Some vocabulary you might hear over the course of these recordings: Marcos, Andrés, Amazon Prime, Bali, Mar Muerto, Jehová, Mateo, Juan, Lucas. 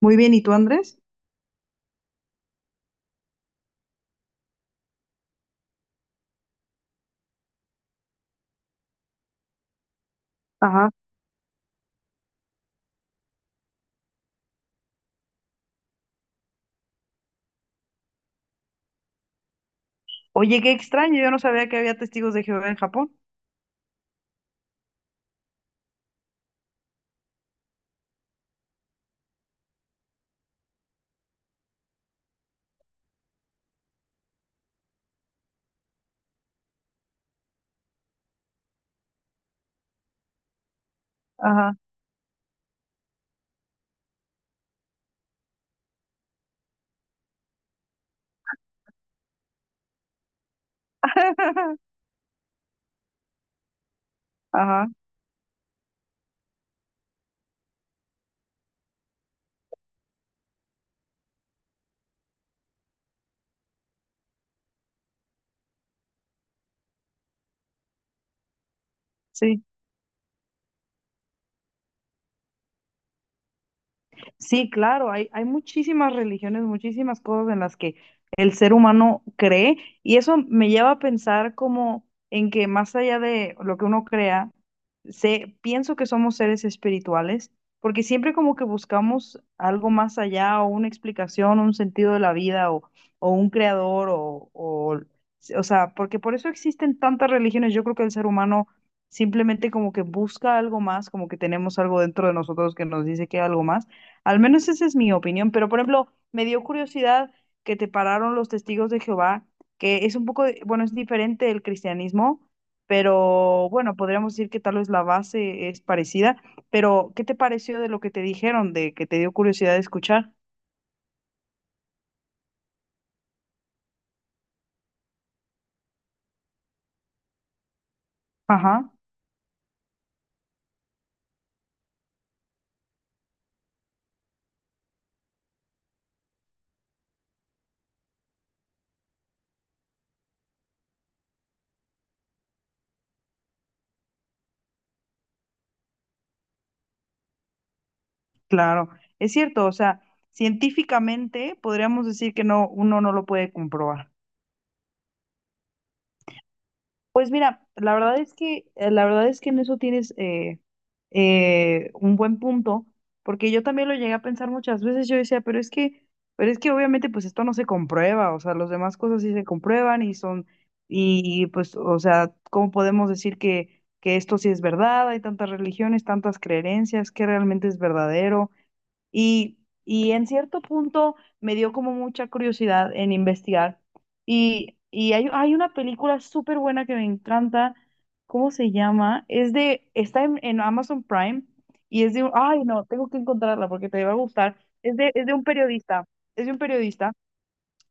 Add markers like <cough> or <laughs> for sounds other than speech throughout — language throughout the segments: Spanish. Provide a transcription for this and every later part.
Muy bien, ¿y tú, Andrés? Ajá. Oye, qué extraño, yo no sabía que había testigos de Jehová en Japón. Ajá. <laughs> Ajá. Sí. Sí, claro, hay muchísimas religiones, muchísimas cosas en las que el ser humano cree, y eso me lleva a pensar como en que más allá de lo que uno crea, sé, pienso que somos seres espirituales, porque siempre como que buscamos algo más allá, o una explicación, un sentido de la vida, o un creador, o, sea, porque por eso existen tantas religiones. Yo creo que el ser humano simplemente como que busca algo más, como que tenemos algo dentro de nosotros que nos dice que hay algo más. Al menos esa es mi opinión, pero, por ejemplo, me dio curiosidad que te pararon los testigos de Jehová, que es un poco, bueno, es diferente del cristianismo, pero bueno, podríamos decir que tal vez la base es parecida, pero ¿qué te pareció de lo que te dijeron, de que te dio curiosidad de escuchar? Ajá, claro, es cierto, o sea, científicamente podríamos decir que no, uno no lo puede comprobar. Pues mira, la verdad es que, en eso tienes, un buen punto, porque yo también lo llegué a pensar muchas veces. Yo decía, pero es que, obviamente pues esto no se comprueba, o sea, las demás cosas sí se comprueban y son, y pues, o sea, ¿cómo podemos decir que, esto sí es verdad? Hay tantas religiones, tantas creencias, que realmente es verdadero? Y, y en cierto punto me dio como mucha curiosidad en investigar. Y hay, una película súper buena que me encanta. ¿Cómo se llama? Está en, Amazon Prime, y ay no, tengo que encontrarla porque te va a gustar. Es de un periodista, es de un periodista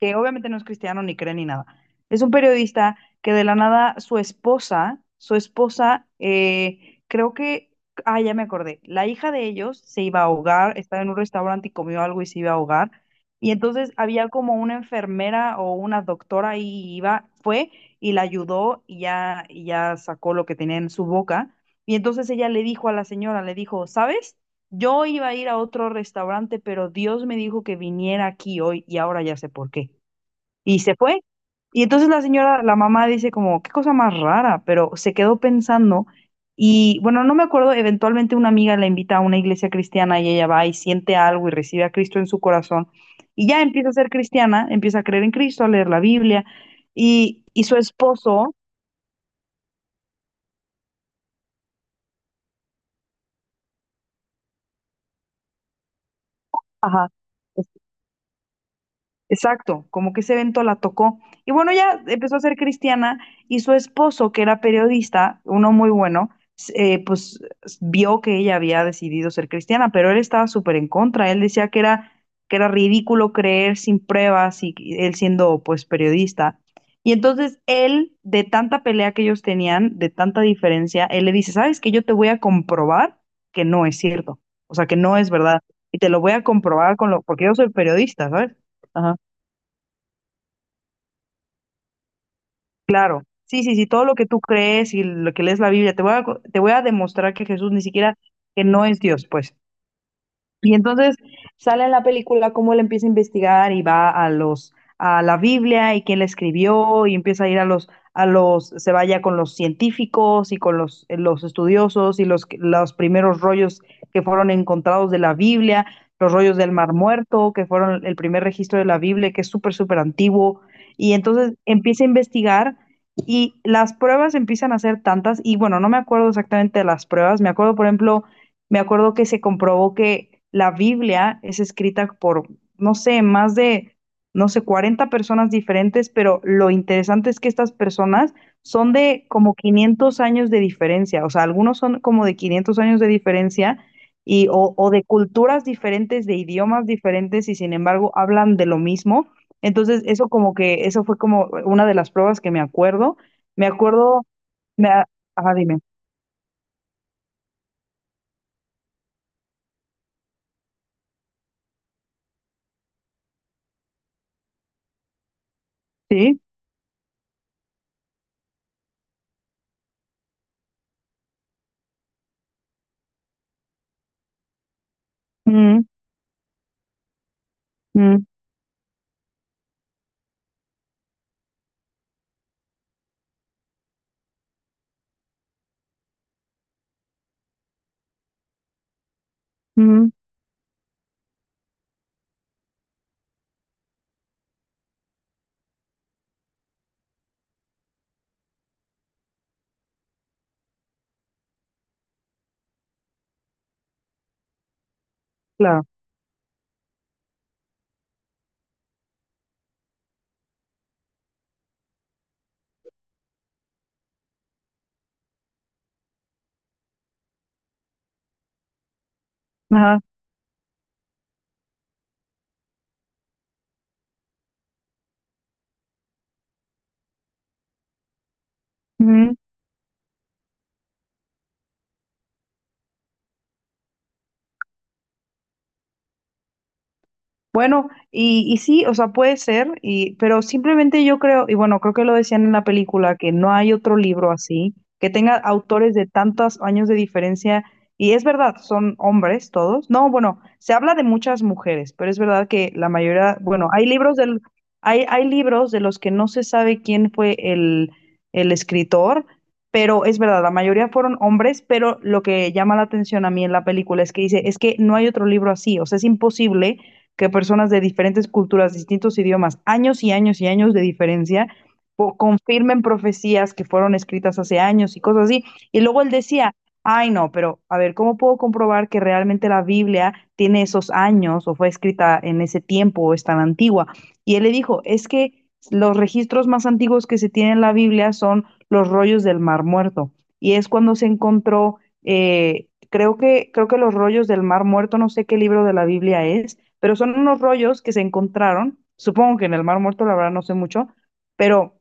que obviamente no es cristiano, ni cree, ni nada. Es un periodista que, de la nada, su esposa, creo que, ah, ya me acordé, la hija de ellos se iba a ahogar. Estaba en un restaurante y comió algo y se iba a ahogar. Y entonces había como una enfermera o una doctora ahí, y fue y la ayudó, y ya, sacó lo que tenía en su boca. Y entonces ella le dijo a la señora, le dijo, "¿Sabes? Yo iba a ir a otro restaurante, pero Dios me dijo que viniera aquí hoy, y ahora ya sé por qué", y se fue. Y entonces la señora, la mamá, dice como, "Qué cosa más rara", pero se quedó pensando. Y bueno, no me acuerdo, eventualmente una amiga la invita a una iglesia cristiana, y ella va y siente algo y recibe a Cristo en su corazón, y ya empieza a ser cristiana, empieza a creer en Cristo, a leer la Biblia, y su esposo. Ajá. Exacto, como que ese evento la tocó. Y bueno, ya empezó a ser cristiana, y su esposo, que era periodista, uno muy bueno, pues vio que ella había decidido ser cristiana, pero él estaba súper en contra. Él decía que era, ridículo creer sin pruebas, y él siendo pues periodista. Y entonces él, de tanta pelea que ellos tenían, de tanta diferencia, él le dice, "¿Sabes que Yo te voy a comprobar que no es cierto, o sea, que no es verdad. Y te lo voy a comprobar porque yo soy periodista, ¿sabes? Ajá. Claro. Sí, sí, sí, todo lo que tú crees y lo que lees la Biblia, te voy a, te voy a demostrar que Jesús ni siquiera, que no es Dios, pues". Y entonces sale en la película cómo él empieza a investigar, y va a los a la Biblia, y quién la escribió, y empieza a ir a los se vaya con los científicos, y con los estudiosos, y los primeros rollos que fueron encontrados de la Biblia, los rollos del Mar Muerto, que fueron el primer registro de la Biblia, que es súper súper antiguo. Y entonces empieza a investigar, y las pruebas empiezan a ser tantas. Y bueno, no me acuerdo exactamente de las pruebas. Me acuerdo, por ejemplo, me acuerdo que se comprobó que la Biblia es escrita por, no sé, más de, no sé, 40 personas diferentes, pero lo interesante es que estas personas son de como 500 años de diferencia, o sea, algunos son como de 500 años de diferencia, o de culturas diferentes, de idiomas diferentes, y sin embargo hablan de lo mismo. Entonces, eso fue como una de las pruebas que me acuerdo. Me acuerdo, me, a- ajá, dime. Sí. Mm, mm, mm. Claro. Ajá. Ujú. Bueno, y sí, o sea, puede ser, pero simplemente yo creo, y bueno, creo que lo decían en la película, que no hay otro libro así, que tenga autores de tantos años de diferencia. Y es verdad, son hombres todos. No, bueno, se habla de muchas mujeres, pero es verdad que la mayoría, bueno, hay libros de los que no se sabe quién fue el, escritor, pero es verdad, la mayoría fueron hombres. Pero lo que llama la atención a mí en la película es que dice, es que no hay otro libro así, o sea, es imposible que personas de diferentes culturas, distintos idiomas, años y años y años de diferencia, confirmen profecías que fueron escritas hace años, y cosas así. Y luego él decía, "Ay no, pero a ver, ¿cómo puedo comprobar que realmente la Biblia tiene esos años, o fue escrita en ese tiempo, o es tan antigua?". Y él le dijo, es que los registros más antiguos que se tienen en la Biblia son los rollos del Mar Muerto. Y es cuando se encontró, creo que los rollos del Mar Muerto, no sé qué libro de la Biblia es, pero son unos rollos que se encontraron, supongo que en el Mar Muerto, la verdad no sé mucho, pero,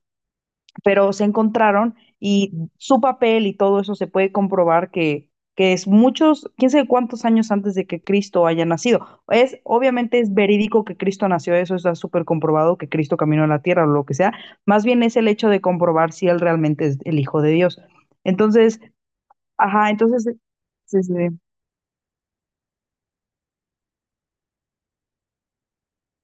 se encontraron, y su papel y todo eso se puede comprobar que, es muchos, quién sabe cuántos años antes de que Cristo haya nacido. Obviamente es verídico que Cristo nació, eso está súper comprobado, que Cristo caminó a la tierra o lo que sea. Más bien es el hecho de comprobar si él realmente es el Hijo de Dios. Entonces, ajá, entonces, sí, sí.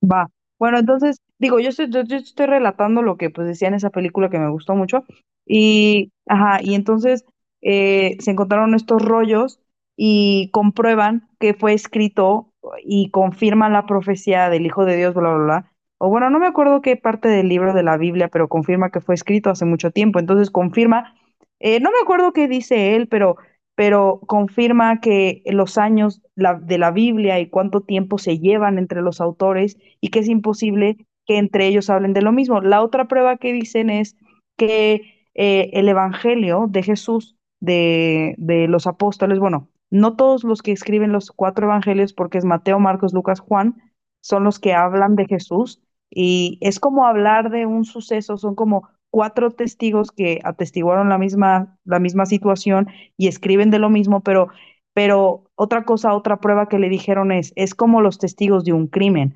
Va. Bueno, entonces, digo, yo estoy relatando lo que pues decía en esa película que me gustó mucho. Ajá, y entonces, se encontraron estos rollos, y comprueban que fue escrito y confirman la profecía del Hijo de Dios, bla, bla, bla. O bueno, no me acuerdo qué parte del libro de la Biblia, pero confirma que fue escrito hace mucho tiempo. Entonces confirma, no me acuerdo qué dice él, pero, confirma que los años de la Biblia, y cuánto tiempo se llevan entre los autores, y que es imposible que entre ellos hablen de lo mismo. La otra prueba que dicen es que, el Evangelio de Jesús, de los apóstoles, bueno, no todos los que escriben, los cuatro Evangelios, porque es Mateo, Marcos, Lucas, Juan, son los que hablan de Jesús, y es como hablar de un suceso, son como cuatro testigos que atestiguaron la misma, situación, y escriben de lo mismo. Pero, otra cosa, otra prueba que le dijeron, es, como los testigos de un crimen.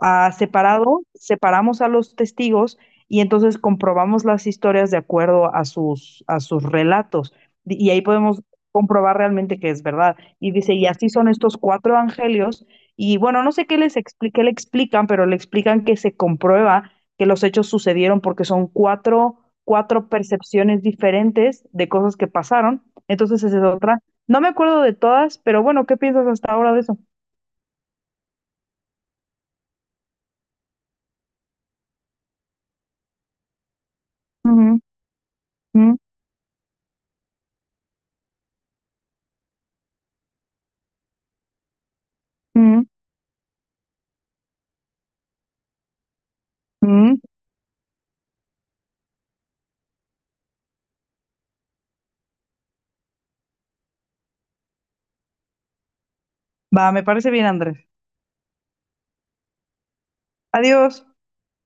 Separamos a los testigos, y entonces comprobamos las historias de acuerdo a sus, relatos. Y ahí podemos comprobar realmente que es verdad. Y dice, y así son estos cuatro evangelios. Y bueno, no sé qué le explican, pero le explican que se comprueba que los hechos sucedieron, porque son cuatro, percepciones diferentes de cosas que pasaron. Entonces, esa es otra. No me acuerdo de todas, pero bueno, ¿qué piensas hasta ahora de eso? Uh -huh. Uh -huh. Uh -huh. Va, me parece bien, Andrés. Adiós.